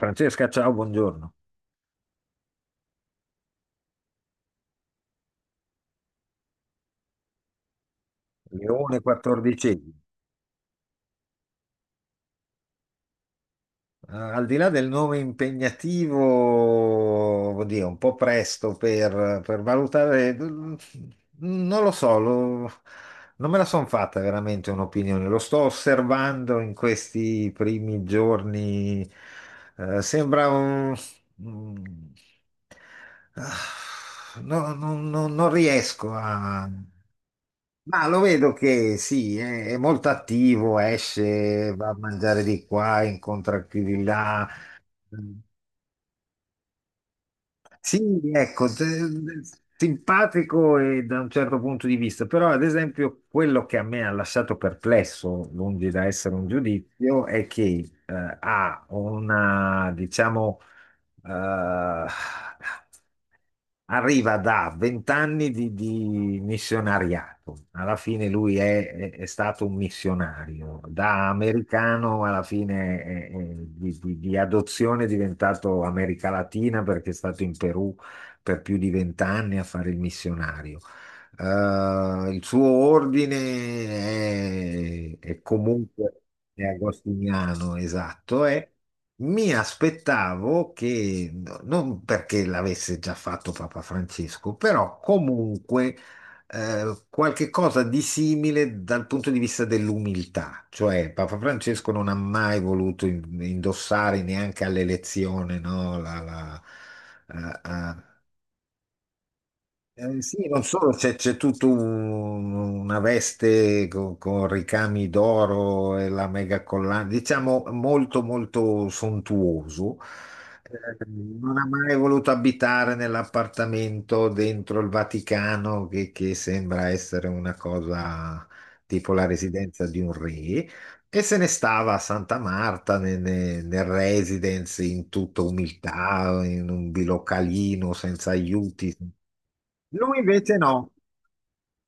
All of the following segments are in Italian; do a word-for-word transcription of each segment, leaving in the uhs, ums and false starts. Francesca, ciao, buongiorno. Leone quattordicesimo, al di là del nome impegnativo, oddio, un po' presto per, per valutare, mm, non lo so, lo- non me la sono fatta veramente un'opinione. Lo sto osservando in questi primi giorni. Eh, sembra un... un- ah, no- no- no- non riesco a. Ma lo vedo che sì, è, è molto attivo, esce, va a mangiare di qua, incontra chi di là. Sì, ecco, te- simpatico, e da un certo punto di vista, però ad esempio quello che a me ha lasciato perplesso, lungi da essere un giudizio, è che eh, ha una, diciamo, eh, arriva da vent'anni di, di missionariato. Alla fine lui è, è- è stato un missionario. Da americano, alla fine è- è di, di- di adozione è diventato America Latina, perché è stato in Perù per più di vent'anni a fare il missionario. Eh, il suo ordine è, è comunque è agostiniano, esatto, è mi aspettavo che, no- non perché l'avesse già fatto Papa Francesco, però comunque eh, qualche cosa di simile dal punto di vista dell'umiltà. Cioè, Papa Francesco non ha mai voluto in- indossare neanche all'elezione, no, la- la- eh, eh, eh, sì, non solo. C'è c'è tutta una veste co- con ricami d'oro e la mega collana, diciamo molto molto sontuoso. Eh, non ha mai voluto abitare nell'appartamento dentro il Vaticano, che, che sembra essere una cosa tipo la residenza di un re, e se ne stava a Santa Marta, ne- ne- nel residence, in tutta umiltà, in un bilocalino, senza aiuti. Lui invece no,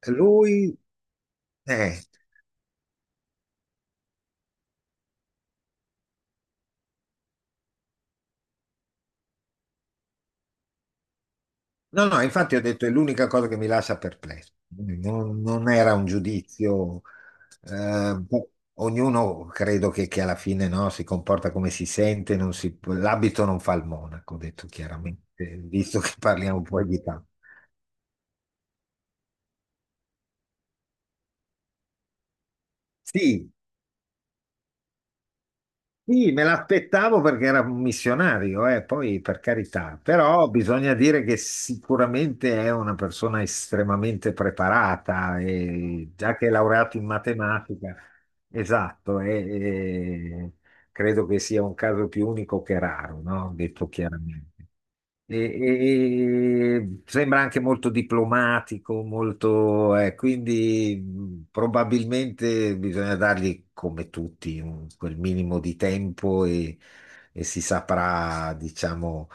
lui... eh. No, no, infatti ho detto è l'unica cosa che mi lascia perplesso. Non, non era un giudizio, eh, boh, ognuno credo che, che alla fine no, si comporta come si sente, non si- l'abito non fa il monaco, ho detto chiaramente, visto che parliamo poi di tanto. Sì, sì, me l'aspettavo perché era un missionario, eh, poi per carità, però bisogna dire che sicuramente è una persona estremamente preparata, e già che è laureato in matematica, esatto, e, e credo che sia un caso più unico che raro, no? Detto chiaramente. E, e- e sembra anche molto diplomatico, molto, eh, quindi mh, probabilmente bisogna dargli come tutti un- quel minimo di tempo, e, e si saprà, diciamo,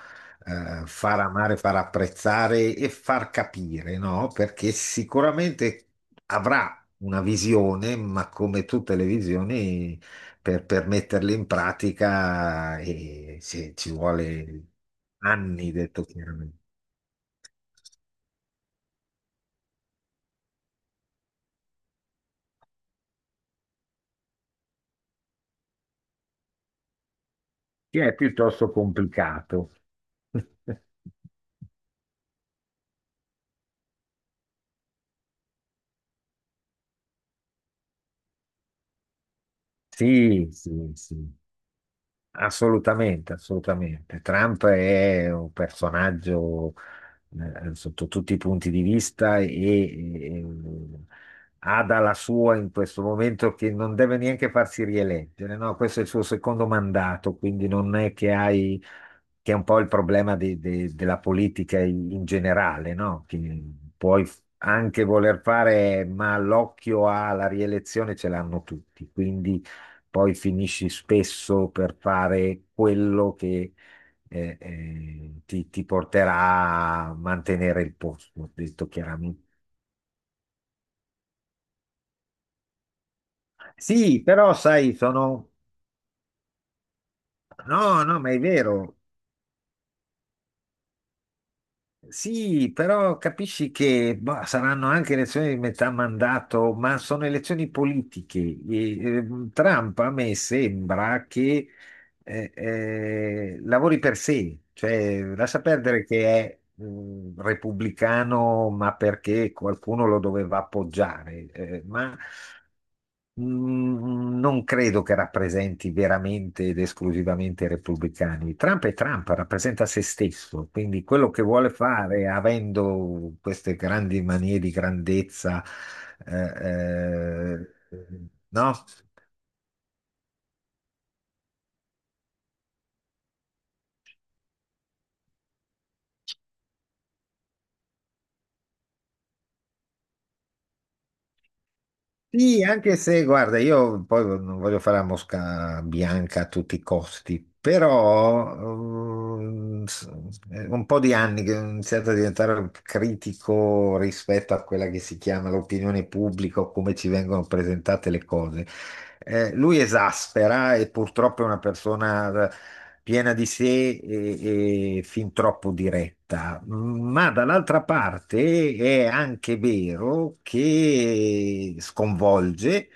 eh, far amare, far apprezzare e far capire, no? Perché sicuramente avrà una visione, ma come tutte le visioni per, per metterle in pratica e se ci vuole anni, detto chiaramente. Sì, è piuttosto complicato. Sì, sì, sì, assolutamente, assolutamente. Trump è un personaggio eh, sotto tutti i punti di vista, e, e- e ha dalla sua in questo momento che non deve neanche farsi rieleggere, no? Questo è il suo secondo mandato, quindi non è che hai, che è un po' il problema di- de- della politica in, in generale, no? Che puoi anche voler fare, ma l'occhio alla rielezione ce l'hanno tutti, quindi poi finisci spesso per fare quello che eh, eh, ti, ti porterà a mantenere il posto, detto chiaramente. Sì, però sai, sono... No, no, ma è vero. Sì, però capisci che boh, saranno anche elezioni di metà mandato, ma sono elezioni politiche. E, eh, Trump a me sembra che eh, eh, lavori per sé, cioè lascia perdere che è mh, repubblicano, ma perché qualcuno lo doveva appoggiare, eh, ma mm, non credo che rappresenti veramente ed esclusivamente i repubblicani. Trump è Trump, rappresenta se stesso, quindi quello che vuole fare, avendo queste grandi manie di grandezza, eh, eh, no? Sì, anche se, guarda, io poi non voglio fare la mosca bianca a tutti i costi, però ehm, s- è un po' di anni che ho iniziato a diventare critico rispetto a quella che si chiama l'opinione pubblica o come ci vengono presentate le cose. Eh, lui esaspera, e purtroppo è una persona eh, piena di sé e, e fin troppo diretta, ma dall'altra parte è anche vero che sconvolge,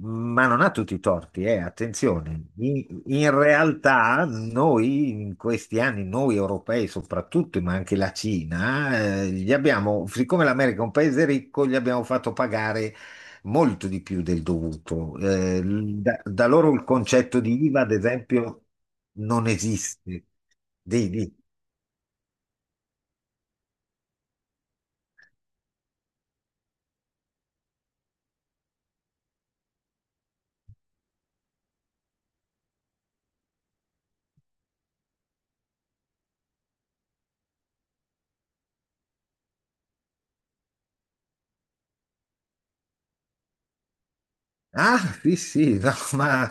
ma non ha tutti i torti, eh, attenzione. In, in realtà noi in questi anni, noi europei soprattutto, ma anche la Cina, eh, gli abbiamo, siccome l'America è un paese ricco, gli abbiamo fatto pagare molto di più del dovuto. Eh, l- da, da loro il concetto di I V A, ad esempio, non esiste. Di, di- Ah, sì, sì, no, ma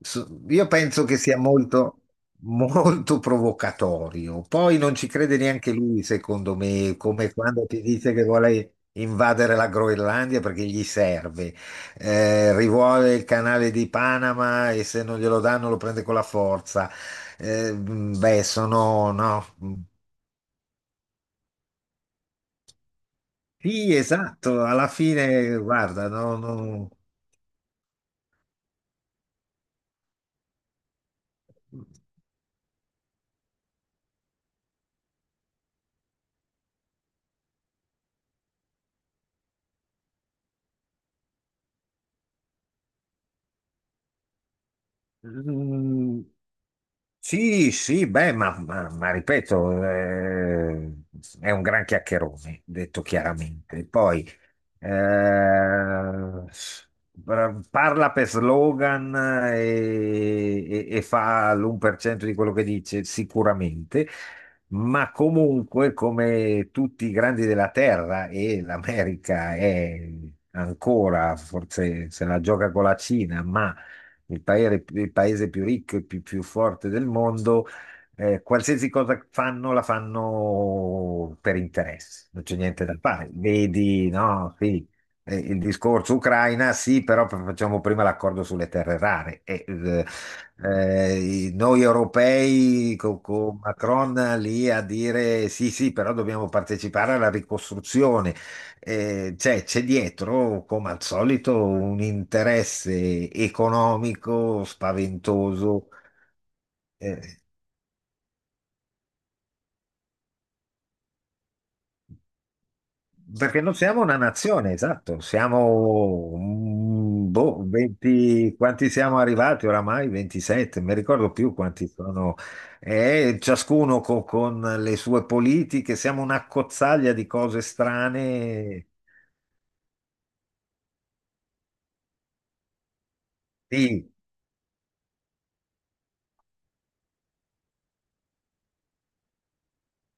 so- io penso che sia molto, molto provocatorio. Poi non ci crede neanche lui, secondo me, come quando ti dice che vuole invadere la Groenlandia perché gli serve. Eh, rivuole il canale di Panama e se non glielo danno lo prende con la forza. Eh, mh, beh, sono, no. Sì, esatto, alla fine, guarda, no, no. Mm, sì, sì, beh, ma, ma- ma ripeto, eh, è un gran chiacchierone, detto chiaramente. Poi eh, bra- parla per slogan eh, e, e- e fa l'uno per cento di quello che dice, sicuramente, ma comunque, come tutti i grandi della Terra, e l'America è ancora, forse se la gioca con la Cina, ma il paese, il paese più ricco e più, più forte del mondo, eh, qualsiasi cosa fanno la fanno per interesse, non c'è niente da fare. Vedi, no, sì, eh, il discorso Ucraina, sì, però facciamo prima l'accordo sulle terre rare. E, eh, eh, noi europei con, con Macron lì a dire sì, sì, però dobbiamo partecipare alla ricostruzione eh, cioè, c'è dietro, come al solito, un interesse economico spaventoso, eh, perché non siamo una nazione, esatto, siamo, mm, boh, venti, quanti siamo arrivati oramai? ventisette, non mi ricordo più quanti sono. Eh, ciascuno co- con le sue politiche, siamo una cozzaglia di cose strane. Sì,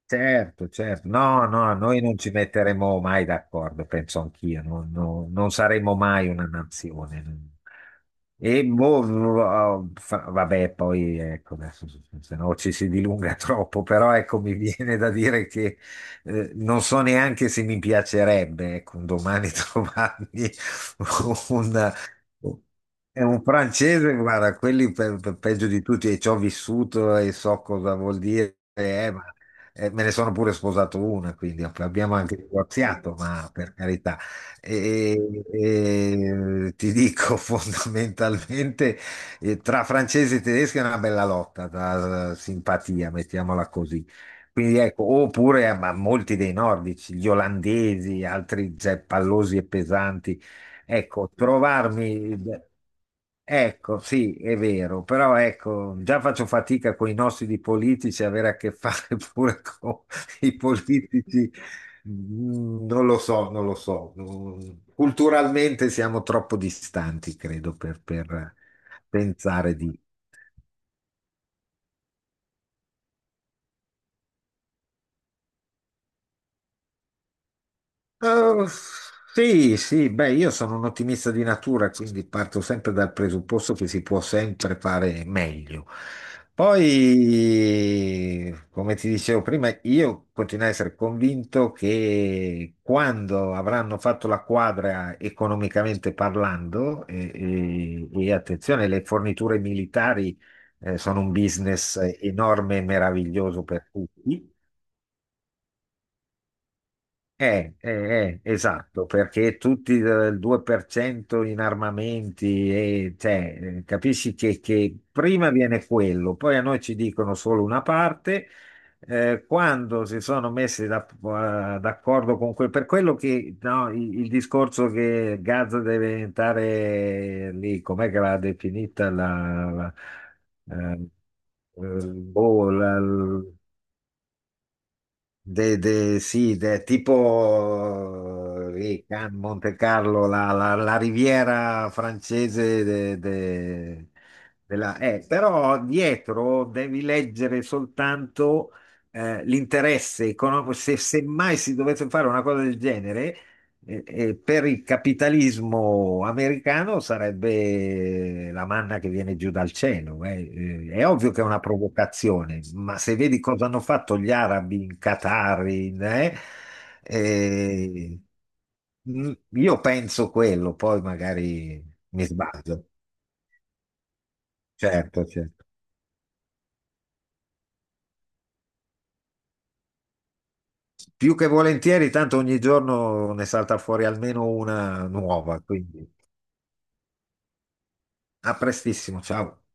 certo, certo. No, no, noi non ci metteremo mai d'accordo, penso anch'io. Non, non- non saremo mai una nazione. non- E boh, eh, fa- vabbè, poi ecco, adesso se no ci si dilunga troppo, però ecco, mi viene da dire che eh, non so neanche se mi piacerebbe, ecco, un domani trovarmi un, è un francese, guarda, quelli pe- pe- peggio di tutti, e ci ho vissuto e so cosa vuol dire, eh, ma eh, me ne sono pure sposato una, quindi app- abbiamo anche divorziato, ma per carità. E, e ti dico fondamentalmente, eh, tra francesi e tedeschi è una bella lotta, da simpatia, mettiamola così. Quindi ecco, oppure eh, ma molti dei nordici, gli olandesi, altri cioè, pallosi e pesanti. Ecco, trovarmi... Ecco, sì, è vero, però ecco, già faccio fatica con i nostri politici, avere a che fare pure con i politici, mm, non lo so, non lo so. Mm, culturalmente siamo troppo distanti, credo, per, per pensare di... Eh, sì, sì, beh, io sono un ottimista di natura, quindi parto sempre dal presupposto che si può sempre fare meglio. Poi, come ti dicevo prima, io continuo a essere convinto che quando avranno fatto la quadra economicamente parlando, e, e- e attenzione, le forniture militari, eh, sono un business enorme e meraviglioso per tutti. Eh, eh, eh, esatto, perché tutti del due per cento in armamenti, e, cioè, eh, capisci che, che prima viene quello, poi a noi ci dicono solo una parte, eh, quando si sono messi da- eh, d'accordo con quel, per quello che no, il, il discorso che Gaza deve diventare lì, com'è che l'ha definita la, la- eh, eh, boh, la- De, de- sì, de- tipo eh, lì, Cannes, Monte Carlo, la, la- la riviera francese de- de- della- eh, però dietro devi leggere soltanto eh, l'interesse economico. Se, se mai si dovesse fare una cosa del genere, e- e per il capitalismo americano sarebbe la manna che viene giù dal cielo. Eh. Eh, è ovvio che è una provocazione, ma se vedi cosa hanno fatto gli arabi in Qatar, in, eh, eh, mm, io penso quello, poi magari mi sbaglio. Certo, certo. Più che volentieri, tanto ogni giorno ne salta fuori almeno una nuova, quindi a prestissimo, ciao.